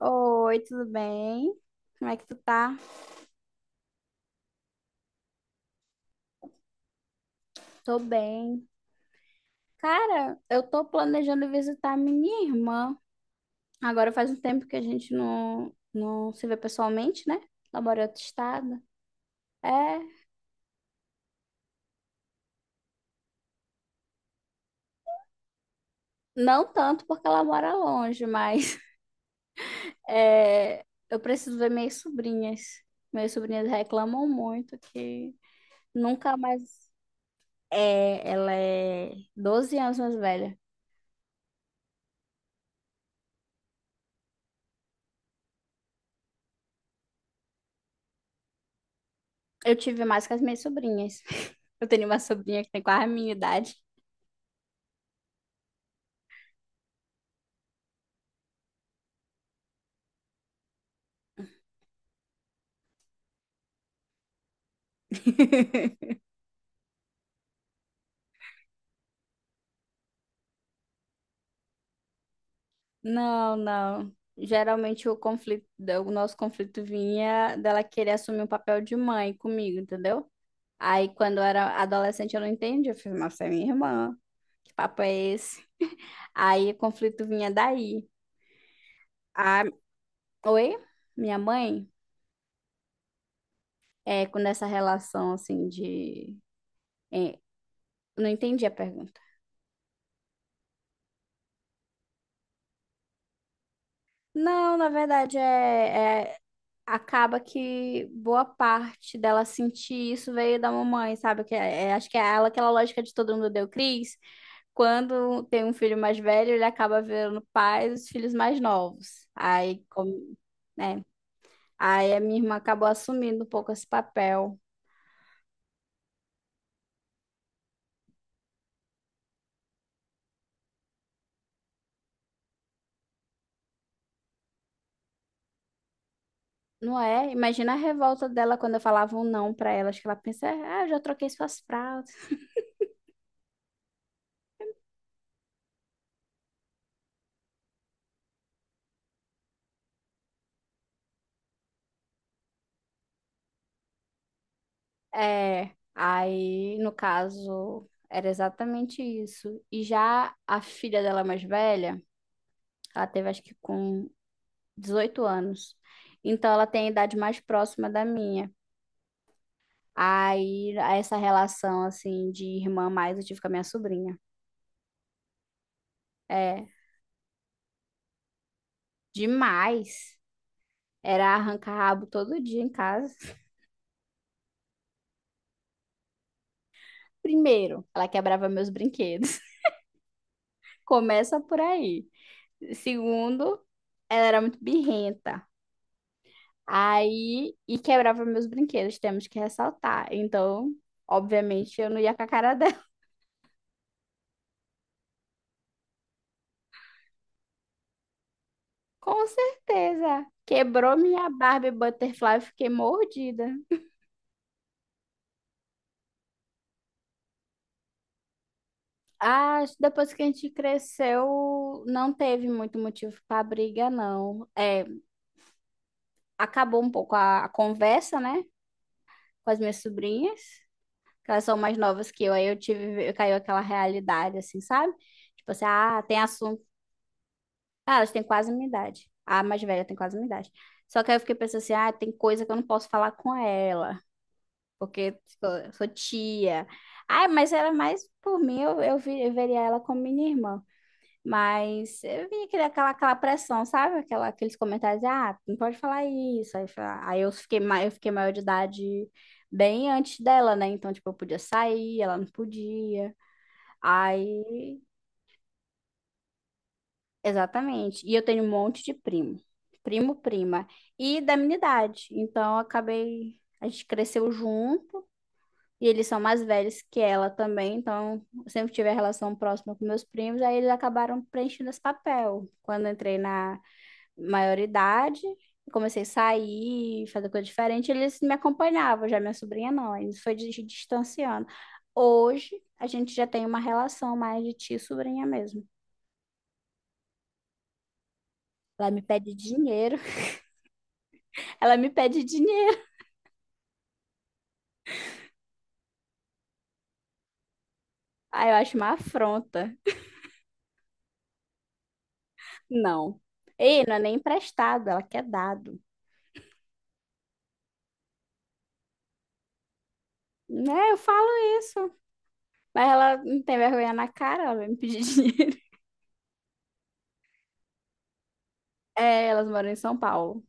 Oi, tudo bem? Como é que tu tá? Tô bem. Cara, eu tô planejando visitar minha irmã. Agora faz um tempo que a gente não se vê pessoalmente, né? Ela mora em outro estado. É, não tanto porque ela mora longe, mas é, eu preciso ver minhas sobrinhas. Minhas sobrinhas reclamam muito que nunca mais. É, ela é 12 anos mais velha. Eu tive mais com as minhas sobrinhas. Eu tenho uma sobrinha que tem quase a minha idade. Não, não. Geralmente o nosso conflito vinha dela querer assumir um papel de mãe comigo, entendeu? Aí quando eu era adolescente eu não entendi, eu fiz, mas você é minha irmã, que papo é esse? Aí o conflito vinha daí. A, Oi, minha mãe, é com essa relação assim de é, não entendi a pergunta. Não, na verdade acaba que boa parte dela sentir isso veio da mamãe, sabe? Que acho que é ela, aquela lógica de todo mundo deu Cris. Quando tem um filho mais velho, ele acaba vendo pais os filhos mais novos. Aí, como, né? Aí a minha irmã acabou assumindo um pouco esse papel. Não é? Imagina a revolta dela quando eu falava um não pra ela. Acho que ela pensa, ah, eu já troquei suas fraldas. É, aí no caso era exatamente isso. E já a filha dela mais velha ela teve, acho que com 18 anos. Então, ela tem a idade mais próxima da minha. Aí, essa relação, assim, de irmã mais, eu tive com a minha sobrinha. É, demais. Era arrancar rabo todo dia em casa. Primeiro, ela quebrava meus brinquedos. Começa por aí. Segundo, ela era muito birrenta. Aí, e quebrava meus brinquedos, temos que ressaltar. Então, obviamente, eu não ia com a cara. Com certeza. Quebrou minha Barbie Butterfly, eu fiquei mordida. Ah, acho que depois que a gente cresceu, não teve muito motivo para briga, não. É, acabou um pouco a conversa, né, com as minhas sobrinhas, que elas são mais novas que eu, aí eu caiu aquela realidade, assim, sabe? Tipo assim, ah, tem assunto. Ah, elas têm quase minha idade. A mais velha tem quase minha idade. Só que aí eu fiquei pensando assim, ah, tem coisa que eu não posso falar com ela, porque sou tia. Ai, mas era mais por mim, eu veria ela como minha irmã. Mas eu vinha aquela pressão, sabe? Aqueles comentários, ah, não pode falar isso. Aí, eu fiquei, eu fiquei maior de idade bem antes dela, né? Então, tipo, eu podia sair, ela não podia. Aí, exatamente. E eu tenho um monte de primo. Primo, prima. E da minha idade. Então, eu acabei, a gente cresceu junto. E eles são mais velhos que ela também, então eu sempre tive a relação próxima com meus primos, aí eles acabaram preenchendo esse papel. Quando eu entrei na maioridade, comecei a sair, fazer coisa diferente, eles me acompanhavam, já minha sobrinha não, eles foi se distanciando. Hoje a gente já tem uma relação mais de tia e sobrinha mesmo. Ela me pede dinheiro, ela me pede dinheiro. Aí eu acho uma afronta. Não. Ei, não é nem emprestado, ela quer dado. Né, eu falo isso. Mas ela não tem vergonha na cara, ela vai me pedir dinheiro. É, elas moram em São Paulo.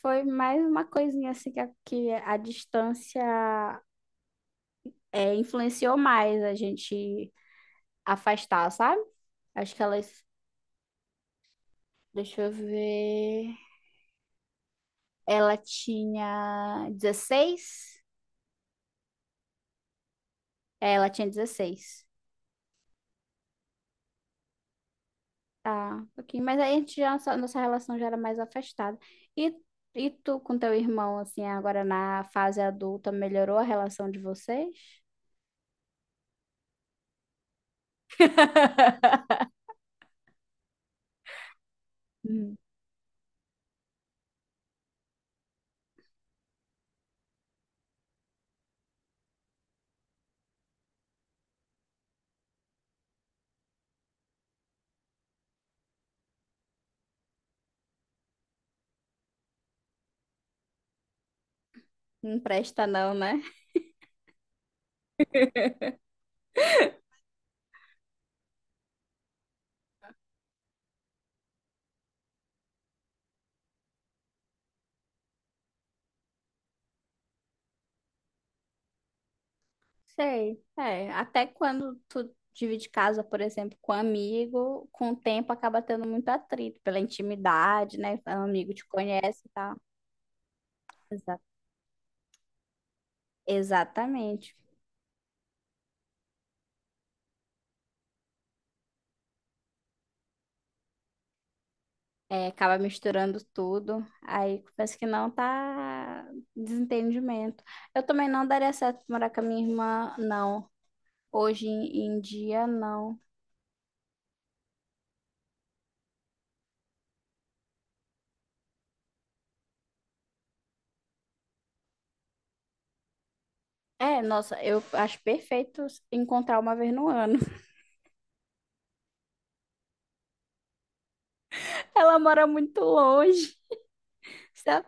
Foi mais uma coisinha assim que a distância, influenciou mais a gente afastar, sabe? Acho que elas. Deixa eu ver. Ela tinha 16? É, ela tinha 16. Tá, um pouquinho. Mas aí a gente já, nossa, nossa relação já era mais afastada. E, e tu com teu irmão, assim, agora na fase adulta, melhorou a relação de vocês? Hum. Não presta não, né? Sei. É, até quando tu divide casa, por exemplo, com um amigo, com o tempo acaba tendo muito atrito pela intimidade, né? O amigo te conhece e tal. Exa- Exatamente. É, acaba misturando tudo. Aí parece que não tá desentendimento. Eu também não daria certo morar com a minha irmã, não. Hoje em dia, não. É, nossa, eu acho perfeito encontrar uma vez no ano. Ela mora muito longe. Se ela,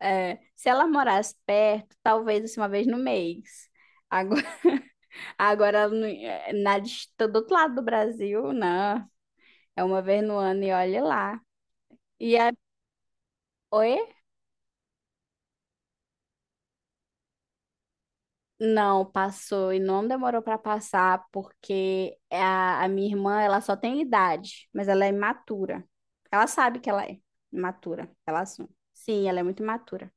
se ela morasse perto, talvez assim, uma vez no mês. Agora, agora ela não- é, na, dist- do outro lado do Brasil, não. É uma vez no ano e olha lá. E a, oi? Não, passou e não demorou para passar, porque a minha irmã, ela só tem idade, mas ela é imatura. Ela sabe que ela é imatura, ela assume. Sim, ela é muito imatura.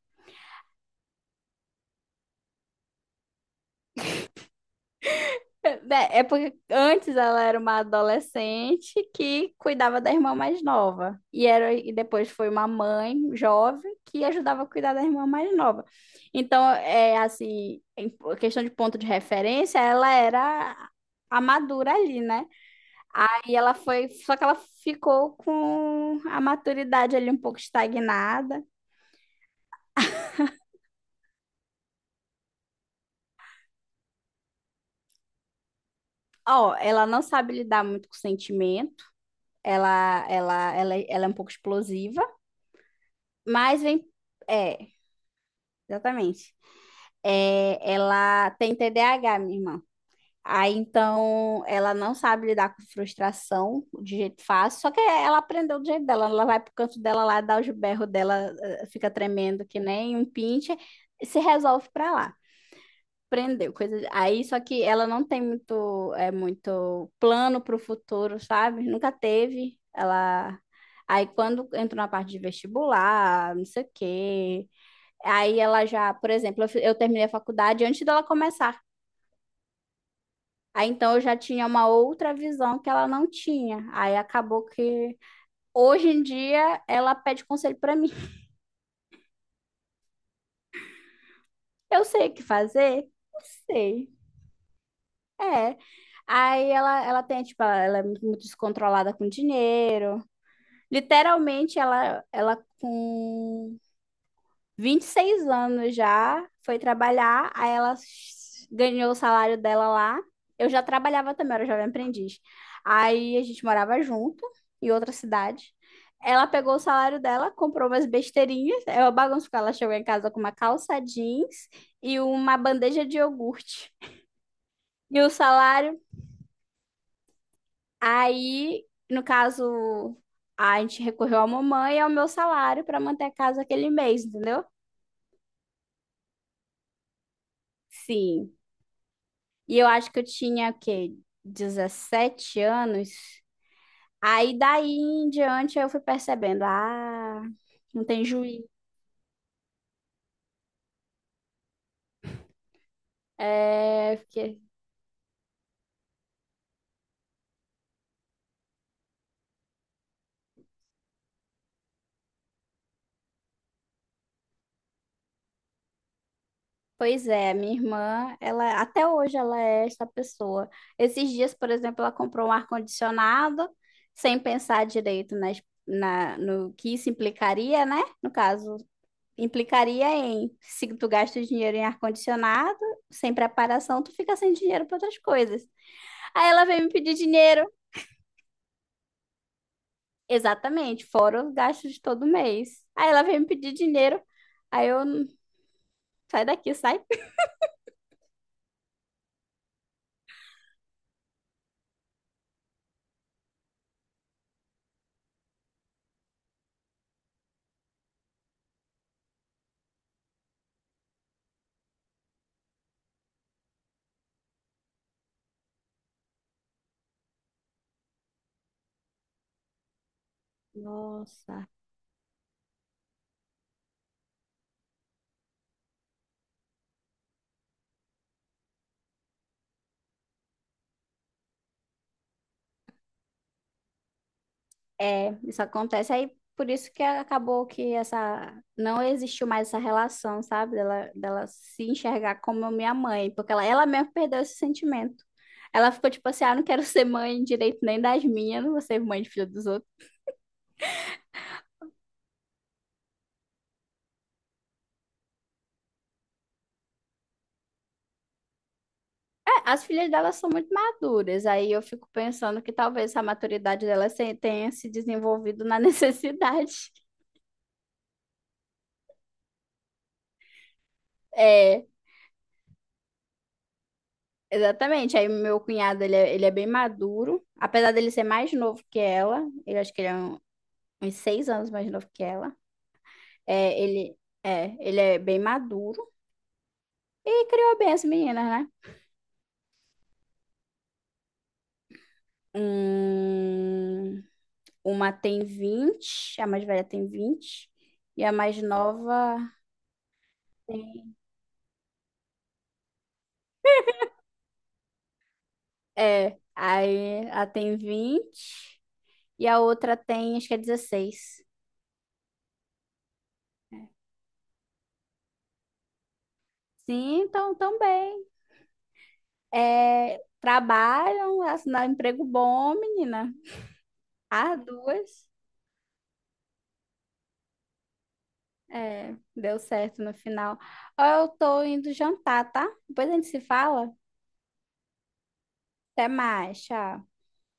Porque antes ela era uma adolescente que cuidava da irmã mais nova. E depois foi uma mãe jovem que ajudava a cuidar da irmã mais nova. Então, é assim, questão de ponto de referência, ela era a madura ali, né? Aí ela foi, só que ela ficou com a maturidade ali um pouco estagnada. Ó, ela não sabe lidar muito com sentimento. Ela é um pouco explosiva, mas vem é, exatamente. É, ela tem TDAH minha irmã. Aí então ela não sabe lidar com frustração de jeito fácil, só que ela aprendeu do jeito dela. Ela vai pro canto dela lá, dá os berros dela, fica tremendo que nem um pinche, e se resolve pra lá. Aprendeu coisa. Aí só que ela não tem muito, é muito plano pro futuro, sabe? Nunca teve. Ela. Aí quando entrou na parte de vestibular, não sei o quê, aí ela já, por exemplo, eu terminei a faculdade antes dela começar. Aí então eu já tinha uma outra visão que ela não tinha. Aí acabou que hoje em dia ela pede conselho pra mim. Eu sei o que fazer? Não sei. É. Aí ela tem, tipo, ela é muito descontrolada com dinheiro. Literalmente, ela com 26 anos já, foi trabalhar, aí ela ganhou o salário dela lá. Eu já trabalhava também, era jovem aprendiz. Aí a gente morava junto, em outra cidade. Ela pegou o salário dela, comprou umas besteirinhas. É uma bagunça, porque ela chegou em casa com uma calça jeans e uma bandeja de iogurte. E o salário, aí, no caso, a gente recorreu à mamãe e ao meu salário para manter a casa aquele mês, entendeu? Sim. E eu acho que eu tinha, o quê? 17 anos. Aí daí em diante eu fui percebendo, ah, não tem juiz. É, porque... Pois é, a minha irmã, ela até hoje ela é essa pessoa. Esses dias, por exemplo, ela comprou um ar-condicionado sem pensar direito no que isso implicaria, né? No caso, implicaria em se tu gasta o dinheiro em ar-condicionado, sem preparação, tu fica sem dinheiro para outras coisas. Aí ela veio me pedir dinheiro. Exatamente, fora os gastos de todo mês. Aí ela veio me pedir dinheiro. Aí eu, sai daqui, sai. Nossa. É, isso acontece. Aí por isso que acabou que essa, não existiu mais essa relação, sabe? Dela se enxergar como minha mãe, porque ela mesma perdeu esse sentimento. Ela ficou tipo assim, ah, não quero ser mãe direito nem das minhas, não vou ser mãe de filho dos outros. É, as filhas delas são muito maduras, aí eu fico pensando que talvez a maturidade delas tenha se desenvolvido na necessidade. É, exatamente. Aí meu cunhado, ele é bem maduro, apesar dele ser mais novo que ela, ele acho que ele é uns 6 anos mais novo que ela. É, ele é bem maduro e criou bem as meninas, né? Hum, uma tem 20 a mais velha tem 20 e a mais nova. É, aí a tem 20 e a outra tem, acho que é 16. Sim, então também. É, trabalham, assinaram emprego bom, menina. As duas. É, deu certo no final. Ó, eu tô indo jantar, tá? Depois a gente se fala. Até mais, tchau.